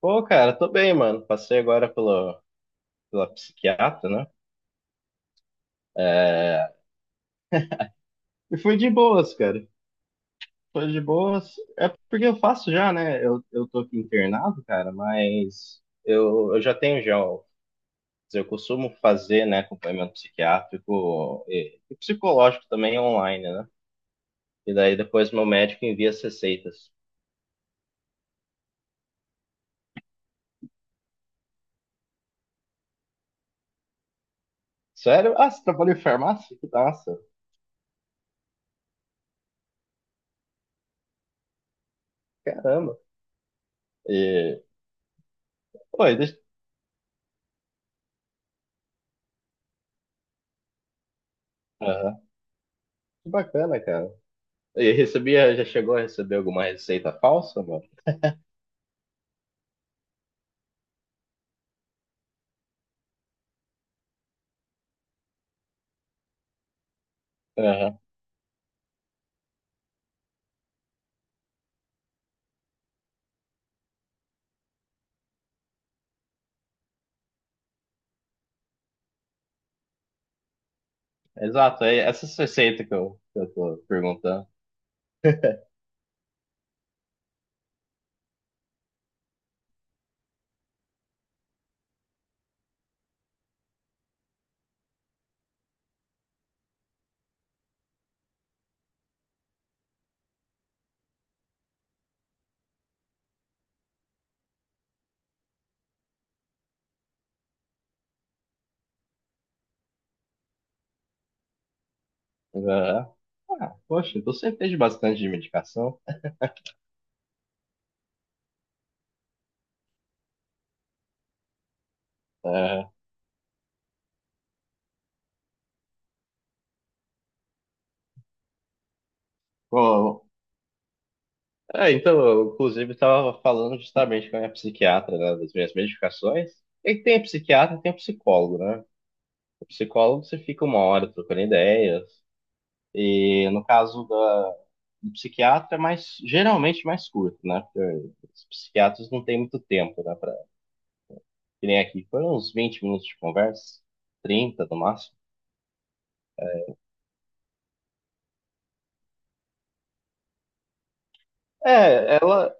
Pô, cara, tô bem, mano. Passei agora pela psiquiatra, né? E fui de boas, cara. Foi de boas. É porque eu faço já, né? Eu tô aqui internado, cara, mas eu já tenho já. Quer dizer, eu costumo fazer, né, acompanhamento psiquiátrico e psicológico também online, né? E daí depois meu médico envia as receitas. Sério? Ah, você trabalhou em farmácia? Que massa. Caramba. E, pô, e deixa. Aham. Que bacana, cara. E recebia, já chegou a receber alguma receita falsa? Aham. Exato, é essas receitas que eu tô perguntando. Aham. Ah, poxa, então você fez bastante de medicação. Aham. Bom, é, então, eu, inclusive, estava falando justamente com a minha psiquiatra, né, das minhas medicações. E tem psiquiatra, e tem psicólogo, né? O psicólogo você fica uma hora trocando ideias. E no caso da, do psiquiatra é mais, geralmente mais curto, né? Porque os psiquiatras não têm muito tempo, né, que nem aqui. Foram uns 20 minutos de conversa, 30 no máximo. É, ela.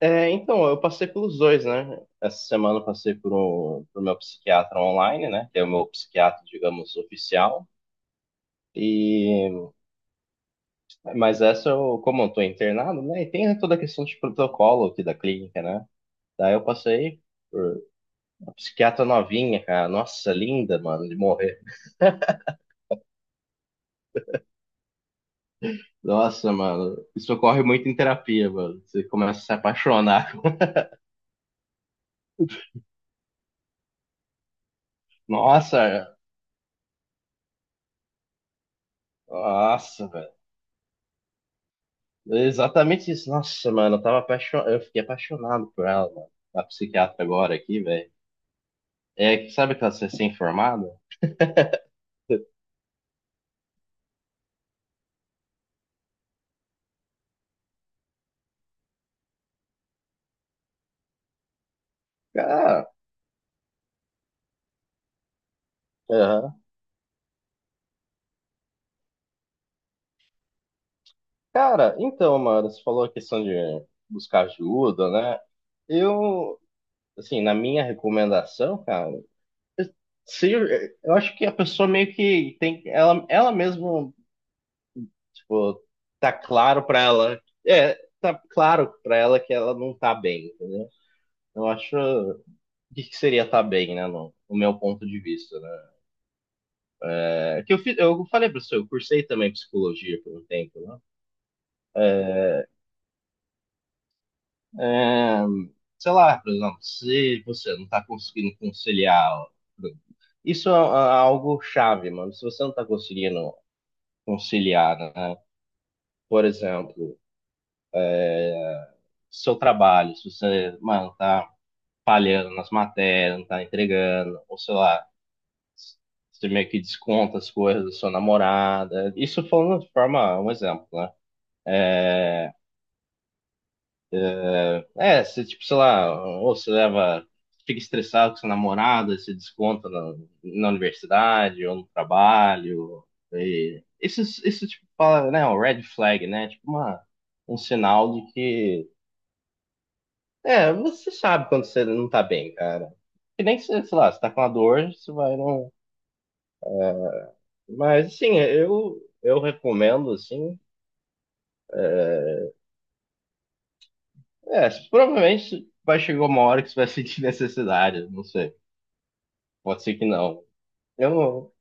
É, então, eu passei pelos dois, né? Essa semana eu passei por um, pro meu psiquiatra online, né? Que é o meu psiquiatra, digamos, oficial. E, mas essa, eu, como eu tô internado, né? E tem toda a questão de protocolo aqui da clínica, né? Daí eu passei por uma psiquiatra novinha, cara. Nossa, linda, mano, de morrer. Nossa, mano, isso ocorre muito em terapia, mano. Você começa a se apaixonar. Nossa, Nossa, velho. É exatamente isso. Nossa, mano, eu tava apaixonado. Eu fiquei apaixonado por ela, mano. A psiquiatra agora aqui, velho. É que sabe aquela recém-formada? Cara, aham. Cara, então, mano, você falou a questão de buscar ajuda, né? Eu, assim, na minha recomendação, cara, eu- se, eu acho que a pessoa meio que tem, ela mesmo, tipo, tá claro pra ela, é, tá claro pra ela que ela não tá bem, entendeu? Eu acho. O que que seria estar bem, né, no meu ponto de vista, né? É, que eu falei para você, eu cursei também psicologia por um tempo, né? É, sei lá, por exemplo, se você não está conseguindo conciliar, isso é algo chave, mano. Se você não está conseguindo conciliar, né? Por exemplo, seu trabalho, se você, mano, tá falhando nas matérias, não tá entregando, ou sei lá, você meio que desconta as coisas da sua namorada. Isso falando de forma, um exemplo, né? É, você, tipo, sei lá, ou você leva, fica estressado com sua namorada se desconta na universidade ou no trabalho. E isso, tipo, fala, né, um red flag, né? Tipo, uma, um sinal de que, é, você sabe quando você não tá bem, cara. Que nem, você, sei lá, você tá com uma dor, você vai não. Mas, assim, eu recomendo, assim, é, provavelmente vai chegar uma hora que você vai sentir necessidade, não sei. Pode ser que não. Eu não,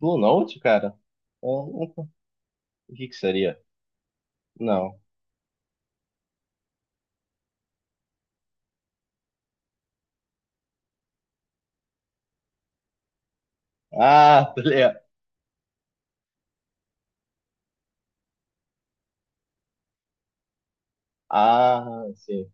Blue Note, cara? Eu nunca- O que que seria? Não. Ah, tá ligado. Ah, sim.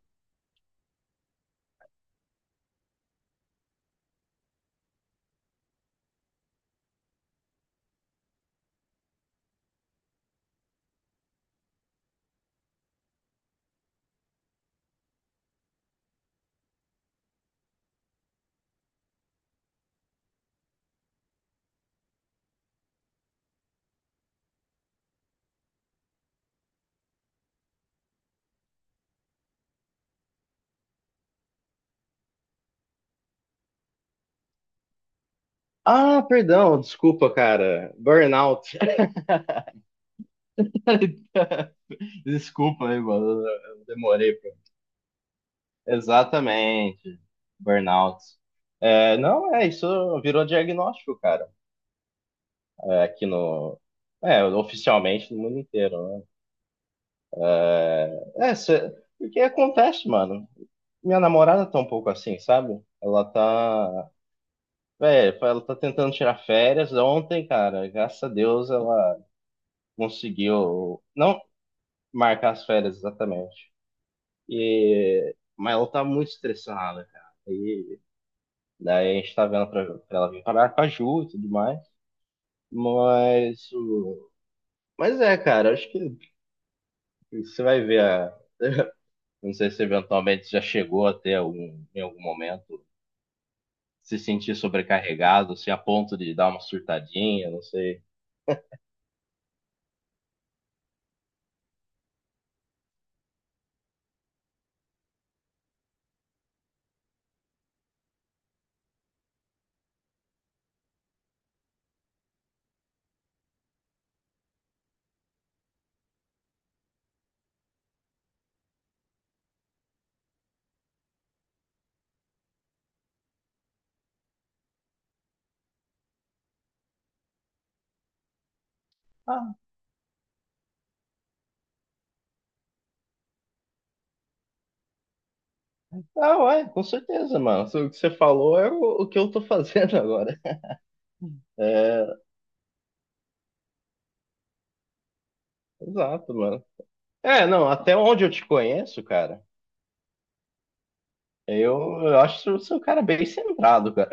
Ah, perdão, desculpa, cara. Burnout. Desculpa aí, mano. Eu demorei. Exatamente. Burnout. É, não, é, isso virou diagnóstico, cara. É, aqui no. É, oficialmente no mundo inteiro, né? É, porque acontece, mano. Minha namorada tá um pouco assim, sabe? Ela tá. Velho, ela tá tentando tirar férias. Ontem, cara, graças a Deus ela conseguiu não marcar as férias exatamente. Mas ela tá muito estressada, cara. E daí a gente tá vendo pra, ela vir parar com a Ju e tudo mais. Mas. o- Mas é, cara, acho que você vai ver. Não sei se eventualmente já chegou até algum, em algum momento se sentir sobrecarregado, se a ponto de dar uma surtadinha, não sei. Ah, Ah, ué, com certeza, mano. O que você falou é o que eu tô fazendo agora. É, exato, mano. É, não, até onde eu te conheço, cara, eu, eu acho que você é um cara bem centrado, cara.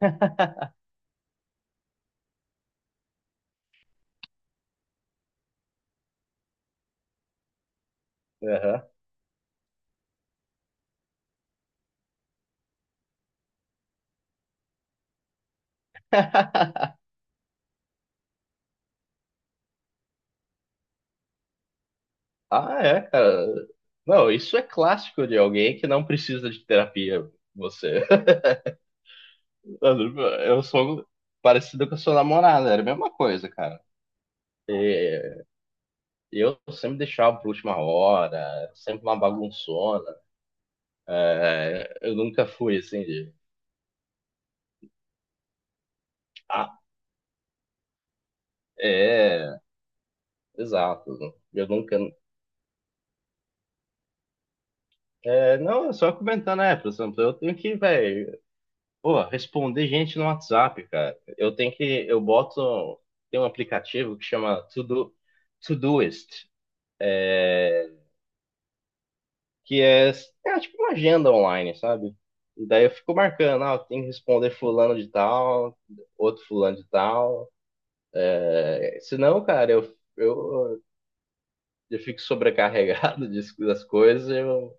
Aham. Ah, é, cara. Não, isso é clássico de alguém que não precisa de terapia. Você. Eu sou parecido com a sua namorada, era a mesma coisa, cara. É, eu sempre deixava pra última hora, sempre uma bagunçona. É, eu nunca fui assim de. Ah, é, exato. Eu nunca. É, não, é só comentar, né, por exemplo, eu tenho que, velho, pô, responder gente no WhatsApp, cara. Eu tenho que, eu boto, tem um aplicativo que chama Todoist, é, que é tipo uma agenda online, sabe? E daí eu fico marcando, ah, eu tenho que responder fulano de tal, outro fulano de tal. É, senão, cara, eu, eu fico sobrecarregado das coisas, eu,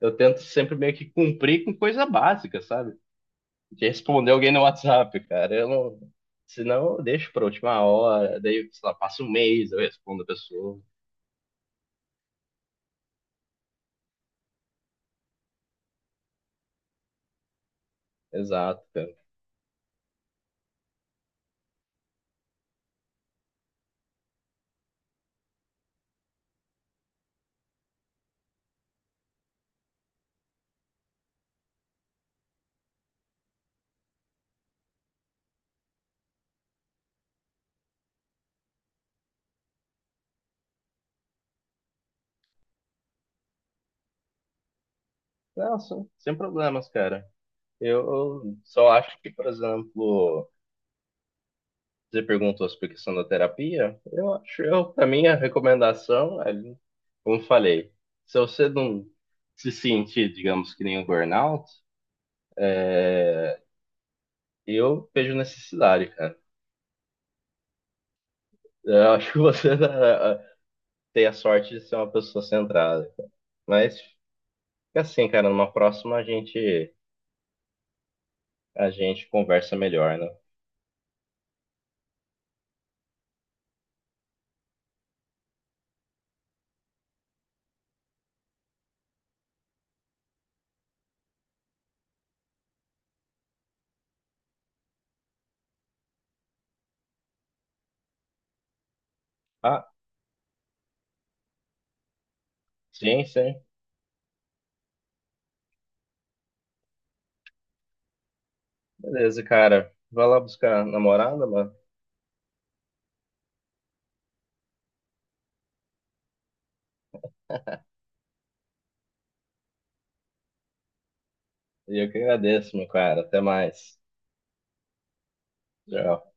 eu tento sempre meio que cumprir com coisa básica, sabe? De responder alguém no WhatsApp, cara. Eu não, senão eu deixo pra última hora, daí, sei lá, passa um mês, eu respondo a pessoa. Exato, cara. Não, sem problemas, cara. Eu só acho que, por exemplo, você perguntou sobre a questão da terapia, eu acho, eu, pra mim, a recomendação, é, como eu falei, se você não se sentir, digamos, que nem um burnout, É, eu vejo necessidade, cara. Eu acho que você tem a sorte de ser uma pessoa centrada, cara. Mas fica assim, cara, numa próxima a gente conversa melhor, né? Ah, sim, sim. Beleza, cara. Vai lá buscar a namorada, mano. E eu que agradeço, meu cara. Até mais. Tchau.